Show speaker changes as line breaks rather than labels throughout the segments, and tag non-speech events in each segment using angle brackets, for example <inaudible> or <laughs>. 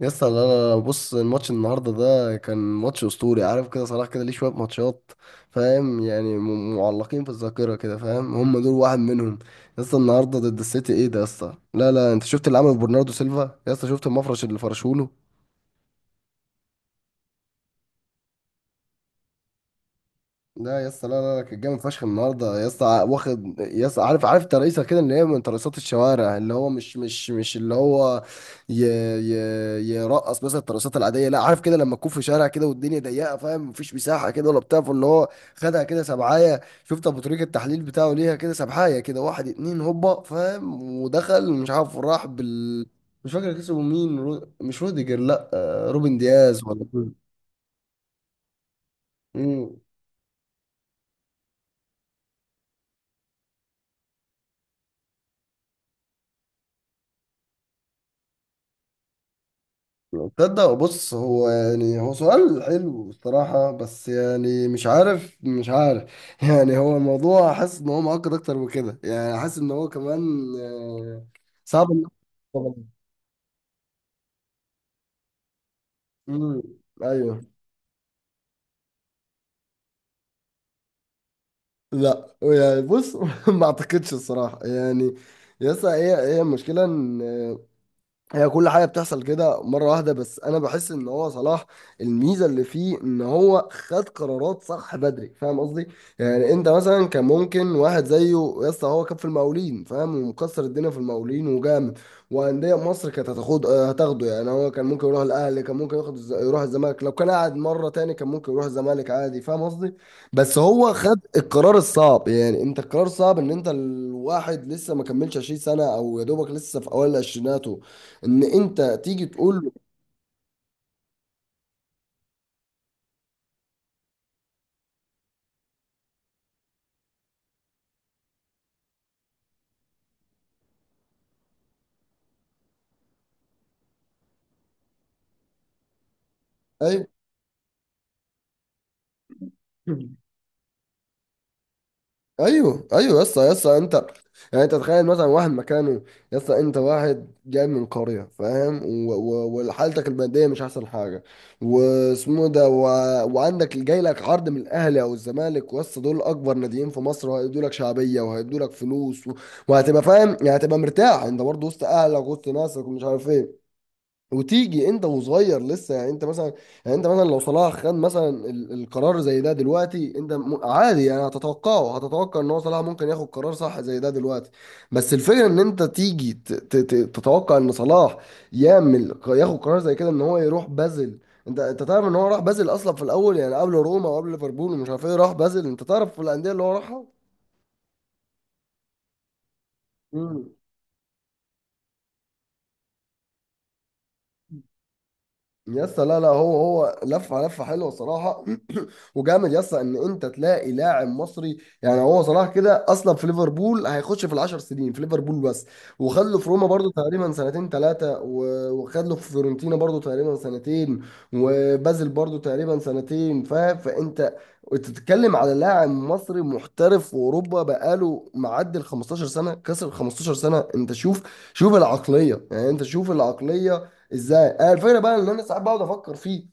يسطا انا بص، الماتش النهارده ده كان ماتش اسطوري. عارف كده صلاح كده ليه شويه ماتشات فاهم يعني معلقين في الذاكره كده فاهم، هم دول واحد منهم. يسطا النهارده ضد السيتي ايه ده؟ يسطا لا لا، انت شفت اللي عمله برناردو سيلفا؟ يسطا شفت المفرش اللي فرشوله؟ لا يا اسطى، لا لا لا كان جامد فشخ النهارده يا اسطى. واخد يا اسطى، عارف ترقيصه كده اللي هي من ترقيصات الشوارع، اللي هو مش اللي هو ي ي يرقص مثلا الترقيصات العاديه، لا، عارف كده لما تكون في شارع كده والدنيا ضيقه فاهم، مفيش مساحه كده ولا بتاع. فاللي هو خدها كده سبعايه، شفت ابو طريق التحليل بتاعه ليها كده، سبعايه كده، واحد اتنين هوبا فاهم، ودخل. مش عارف راح بال، مش فاكر كسبه مين. مش روديجر، لا، روبن دياز ولا مين. تصدق بص، هو يعني هو سؤال حلو الصراحة، بس يعني مش عارف <laughs> يعني هو الموضوع، حاسس ان هو معقد اكتر من كده. يعني حاسس ان هو كمان آه، صعب امم ايوه. لا يعني بص <laughs> ما اعتقدش الصراحة يعني. يسا هي المشكلة، هي كل حاجه بتحصل كده مره واحده. بس انا بحس ان هو صلاح، الميزه اللي فيه ان هو خد قرارات صح بدري، فاهم قصدي؟ يعني انت مثلا، كان ممكن واحد زيه، يا اسطى هو كان في المقاولين فاهم، ومكسر الدنيا في المقاولين وجامد، وانديه مصر كانت هتاخد هتاخده. يعني هو كان ممكن يروح الاهلي، كان ممكن ياخد يروح الزمالك، لو كان قاعد مره تاني كان ممكن يروح الزمالك عادي، فاهم قصدي؟ بس هو خد القرار الصعب. يعني انت القرار صعب ان انت الواحد لسه ما كملش 20 سنه او يا دوبك لسه في اوائل عشريناته، ان انت تيجي تقول له ايوه ايوه ايوه. يسا انت، يعني انت تخيل مثلا واحد مكانه. يسا انت واحد جاي من قريه فاهم، و- و- وحالتك الماديه مش احسن حاجه، واسمه ده وعندك جاي لك عرض من الاهلي او الزمالك، ويسا دول اكبر ناديين في مصر، وهيدوا لك شعبيه وهيدوا لك فلوس وهتبقى فاهم، يعني هتبقى مرتاح انت برضه وسط اهلك وسط ناسك ومش عارف ايه، وتيجي انت وصغير لسه. يعني انت مثلا، لو صلاح خد مثلا القرار زي ده دلوقتي انت عادي، يعني هتتوقع ان هو صلاح ممكن ياخد قرار صح زي ده دلوقتي. بس الفكره ان انت تيجي تتوقع ان صلاح ياخد قرار زي كده، ان هو يروح بازل. انت تعرف ان هو راح بازل اصلا في الاول، يعني قبل روما وقبل ليفربول ومش عارف ايه، راح بازل. انت تعرف في الانديه اللي هو راحها؟ يس لا لا، هو لفه لفه حلوه صراحه. <clears throat> وجامد يس ان انت تلاقي لاعب مصري. يعني هو صلاح كده اصلا في ليفربول هيخش في ال 10 سنين في ليفربول بس، وخد له في روما برضو تقريبا سنتين ثلاثه، وخد له في فيورنتينا برضو تقريبا سنتين، وبازل برضو تقريبا سنتين فاهم. فانت تتكلم على لاعب مصري محترف في اوروبا بقاله معدي ال 15 سنه، كسر 15 سنه. انت شوف شوف العقليه، يعني انت شوف العقليه ازاي. الفكره بقى ان انا ساعات بقعد افكر فيه.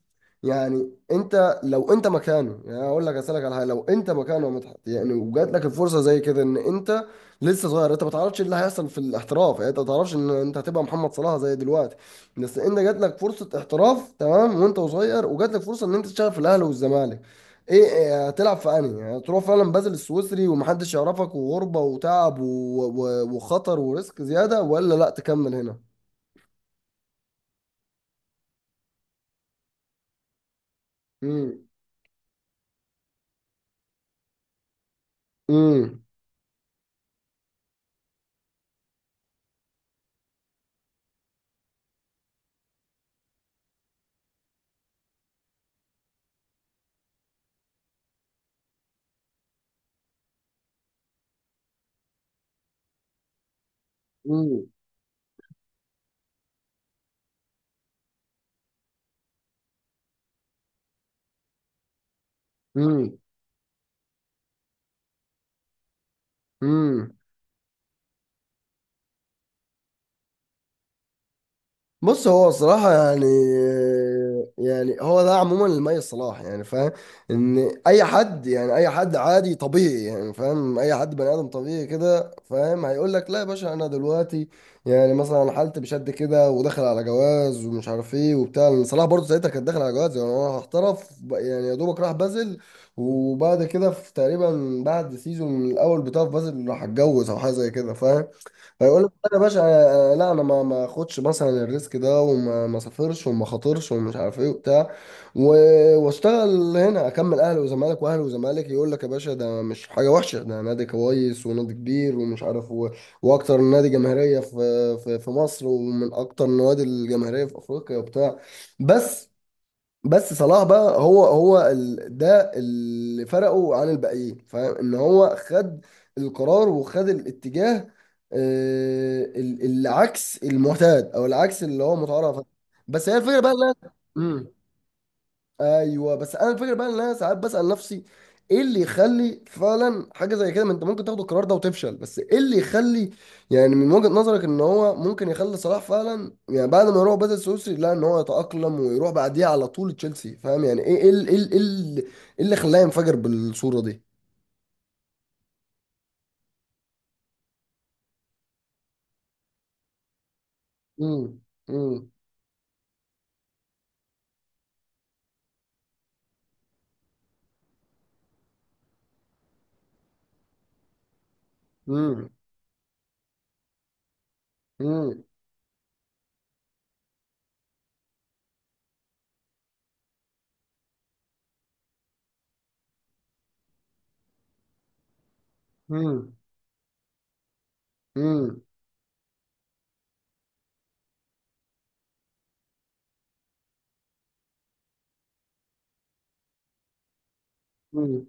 يعني انت لو انت مكانه، يعني اقول لك، اسالك على حاجه، لو انت مكانه يا مدحت يعني، وجات لك الفرصه زي كده، ان انت لسه صغير، انت ما تعرفش إيه اللي هيحصل في الاحتراف، يعني انت ما تعرفش ان انت هتبقى محمد صلاح زي دلوقتي. بس انت جات لك فرصه احتراف تمام، وانت صغير، وجات لك فرصه ان انت تشتغل في الاهلي والزمالك، ايه إيه، هتلعب في انهي؟ يعني تروح فعلا بازل السويسري ومحدش يعرفك، وغربه وتعب وخطر وريسك زياده، ولا لا تكمل هنا. امم مم. مم. مم. بص هو صراحة يعني، يعني هو ده عموما المي صلاح، يعني فاهم ان اي حد، يعني اي حد عادي طبيعي، يعني فاهم اي حد بني ادم طبيعي كده فاهم، هيقول لك لا يا باشا، انا دلوقتي يعني مثلا حالتي بشد كده وداخل على جواز ومش عارف ايه وبتاع، لأن صلاح برضه ساعتها كان داخل على جواز يعني. انا هحترف يعني يا دوبك راح بازل، وبعد كده في تقريبا بعد سيزون من الاول بتاع في بازل، راح اتجوز او حاجة زي كده فاهم. هيقول لك لا يا باشا، لا انا ما ما اخدش مثلا الريسك ده، وما ما سافرش، وما خاطرش ومش عارف ايه وبتاع، واشتغل هنا. اكمل اهلي وزمالك واهلي وزمالك، يقول لك يا باشا ده مش حاجه وحشه، ده نادي كويس ونادي كبير ومش عارف واكتر نادي جماهيريه في مصر، ومن اكتر النوادي الجماهيريه في افريقيا وبتاع. بس بس صلاح بقى، هو هو ده اللي فرقه عن الباقيين، فان هو خد القرار وخد الاتجاه، العكس المعتاد، او العكس اللي هو متعارف عليه. بس هي الفكره بقى إمم. ايوه. بس انا الفكره بقى ان انا ساعات بسال نفسي ايه اللي يخلي فعلا حاجه زي كده، ما انت ممكن تاخد القرار ده وتفشل. بس ايه اللي يخلي، يعني من وجهه نظرك، ان هو ممكن يخلي صلاح فعلا يعني بعد ما يروح بدل السويسري، لا ان هو يتاقلم ويروح بعديه على طول تشيلسي، فاهم يعني؟ إيه اللي خلاه ينفجر بالصوره دي؟ امم امم امم امم امم امم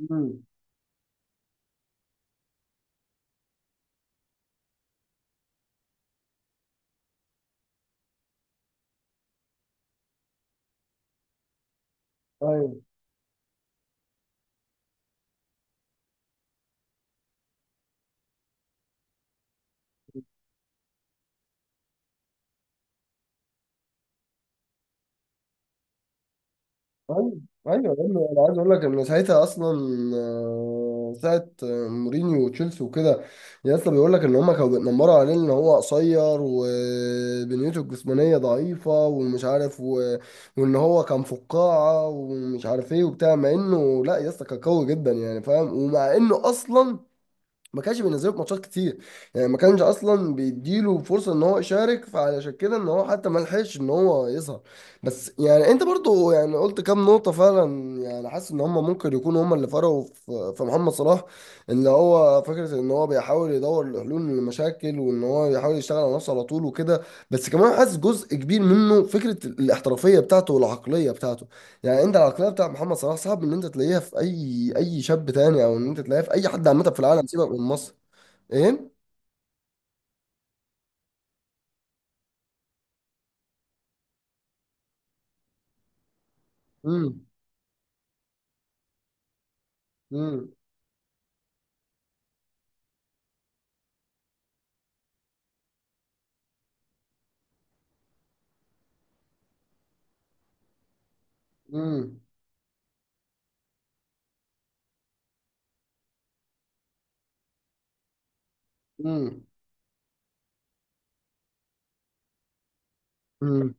امم ايوه ايوه ايوه. انا عايز اقول لك ان ساعتها اصلا، ساعه مورينيو وتشيلسي وكده، يا اسطى بيقول لك ان هم كانوا بيتنمروا عليه ان هو قصير، وبنيته الجسمانيه ضعيفه، ومش عارف وان هو كان فقاعه ومش عارف ايه وبتاع. مع انه لا يا اسطى كان قوي جدا يعني فاهم، ومع انه اصلا ما كانش بينزله في ماتشات كتير. يعني ما كانش اصلا بيديله فرصه ان هو يشارك، فعلشان كده ان هو حتى ما لحقش ان هو يظهر. بس يعني انت برضو يعني قلت كام نقطه فعلا، يعني حاسس ان هم ممكن يكونوا هم اللي فرقوا في محمد صلاح. اللي هو فكره ان هو بيحاول يدور لحلول للمشاكل، وان هو بيحاول يشتغل على نفسه على طول وكده. بس كمان حاسس جزء كبير منه فكره الاحترافيه بتاعته والعقليه بتاعته. يعني انت العقليه بتاع محمد صلاح، صعب ان انت تلاقيها في اي شاب تاني، او ان انت تلاقيها في اي حد عامه في العالم، سيبك من مصر. ايه. امم امم امم امم امم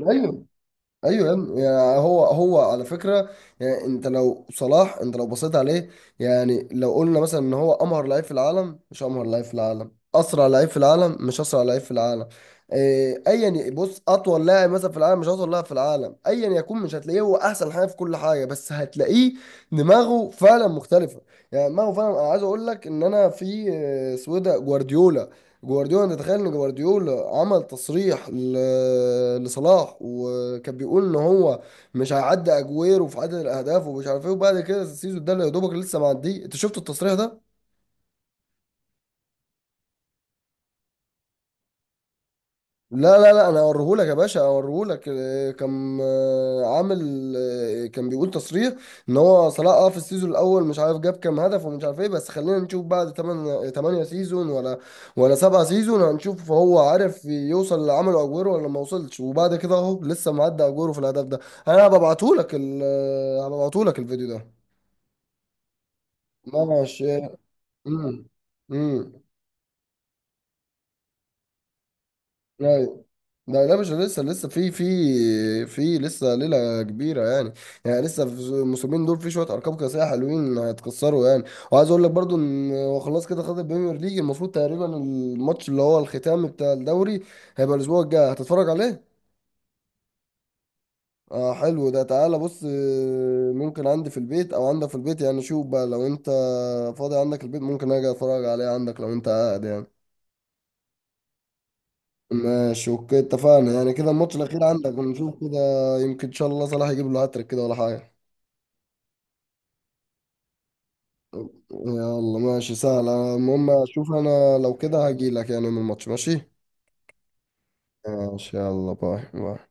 ايوه ايوه يا ابني، يعني هو على فكره يعني انت لو بصيت عليه، يعني لو قلنا مثلا ان هو امهر لعيب في العالم، مش امهر لعيب في العالم، اسرع لعيب في العالم، مش اسرع لعيب في العالم، ايا بص اطول لاعب مثلا في العالم، مش اطول لاعب في العالم، ايا يكون مش هتلاقيه هو احسن حاجه في كل حاجه، بس هتلاقيه دماغه فعلا مختلفه. يعني دماغه فعلا. انا عايز اقول لك ان انا في سويدة جوارديولا، جوارديولا تتخيل ان جوارديولا عمل تصريح لصلاح، وكان بيقول ان هو مش هيعدي اجويرو في عدد الاهداف ومش عارف ايه، وبعد كده السيزون ده اللي يا دوبك لسه معديه. انت شفت التصريح ده؟ لا لا لا، انا اوريهولك يا باشا اوريهولك. كان عامل كان بيقول تصريح ان هو صلاح في السيزون الاول مش عارف جاب كام هدف ومش عارف ايه، بس خلينا نشوف بعد 8 سيزون، ولا 7 سيزون. هنشوف هو عارف يوصل اللي عمله اجويرو ولا ما وصلش. وبعد كده اهو لسه معدي اجويرو في الهدف ده. انا هبعتهولك ال آه، هبعتهولك الفيديو ده. ماشي. امم امم لا لا مش لسه في لسه ليلة كبيرة يعني. يعني لسه في الموسمين دول في شوية أرقام قياسية حلوين هيتكسروا يعني. وعايز أقول لك برضو إن هو خلاص كده خد البريمير ليج. المفروض تقريبا الماتش اللي هو الختامي بتاع الدوري هيبقى الأسبوع الجاي، هتتفرج عليه؟ اه حلو، ده تعالى بص ممكن عندي في البيت أو عندك في البيت يعني. شوف بقى لو أنت فاضي عندك البيت ممكن أجي أتفرج عليه عندك، لو أنت قاعد يعني. ماشي اوكي اتفقنا، يعني كده الماتش الاخير عندك ونشوف كده، يمكن ان شاء الله صلاح يجيب له هاتريك كده ولا حاجه. يلا ماشي سهل، المهم اشوف انا لو كده هجيلك يعني من الماتش. ماشي ماشي يلا باي باي.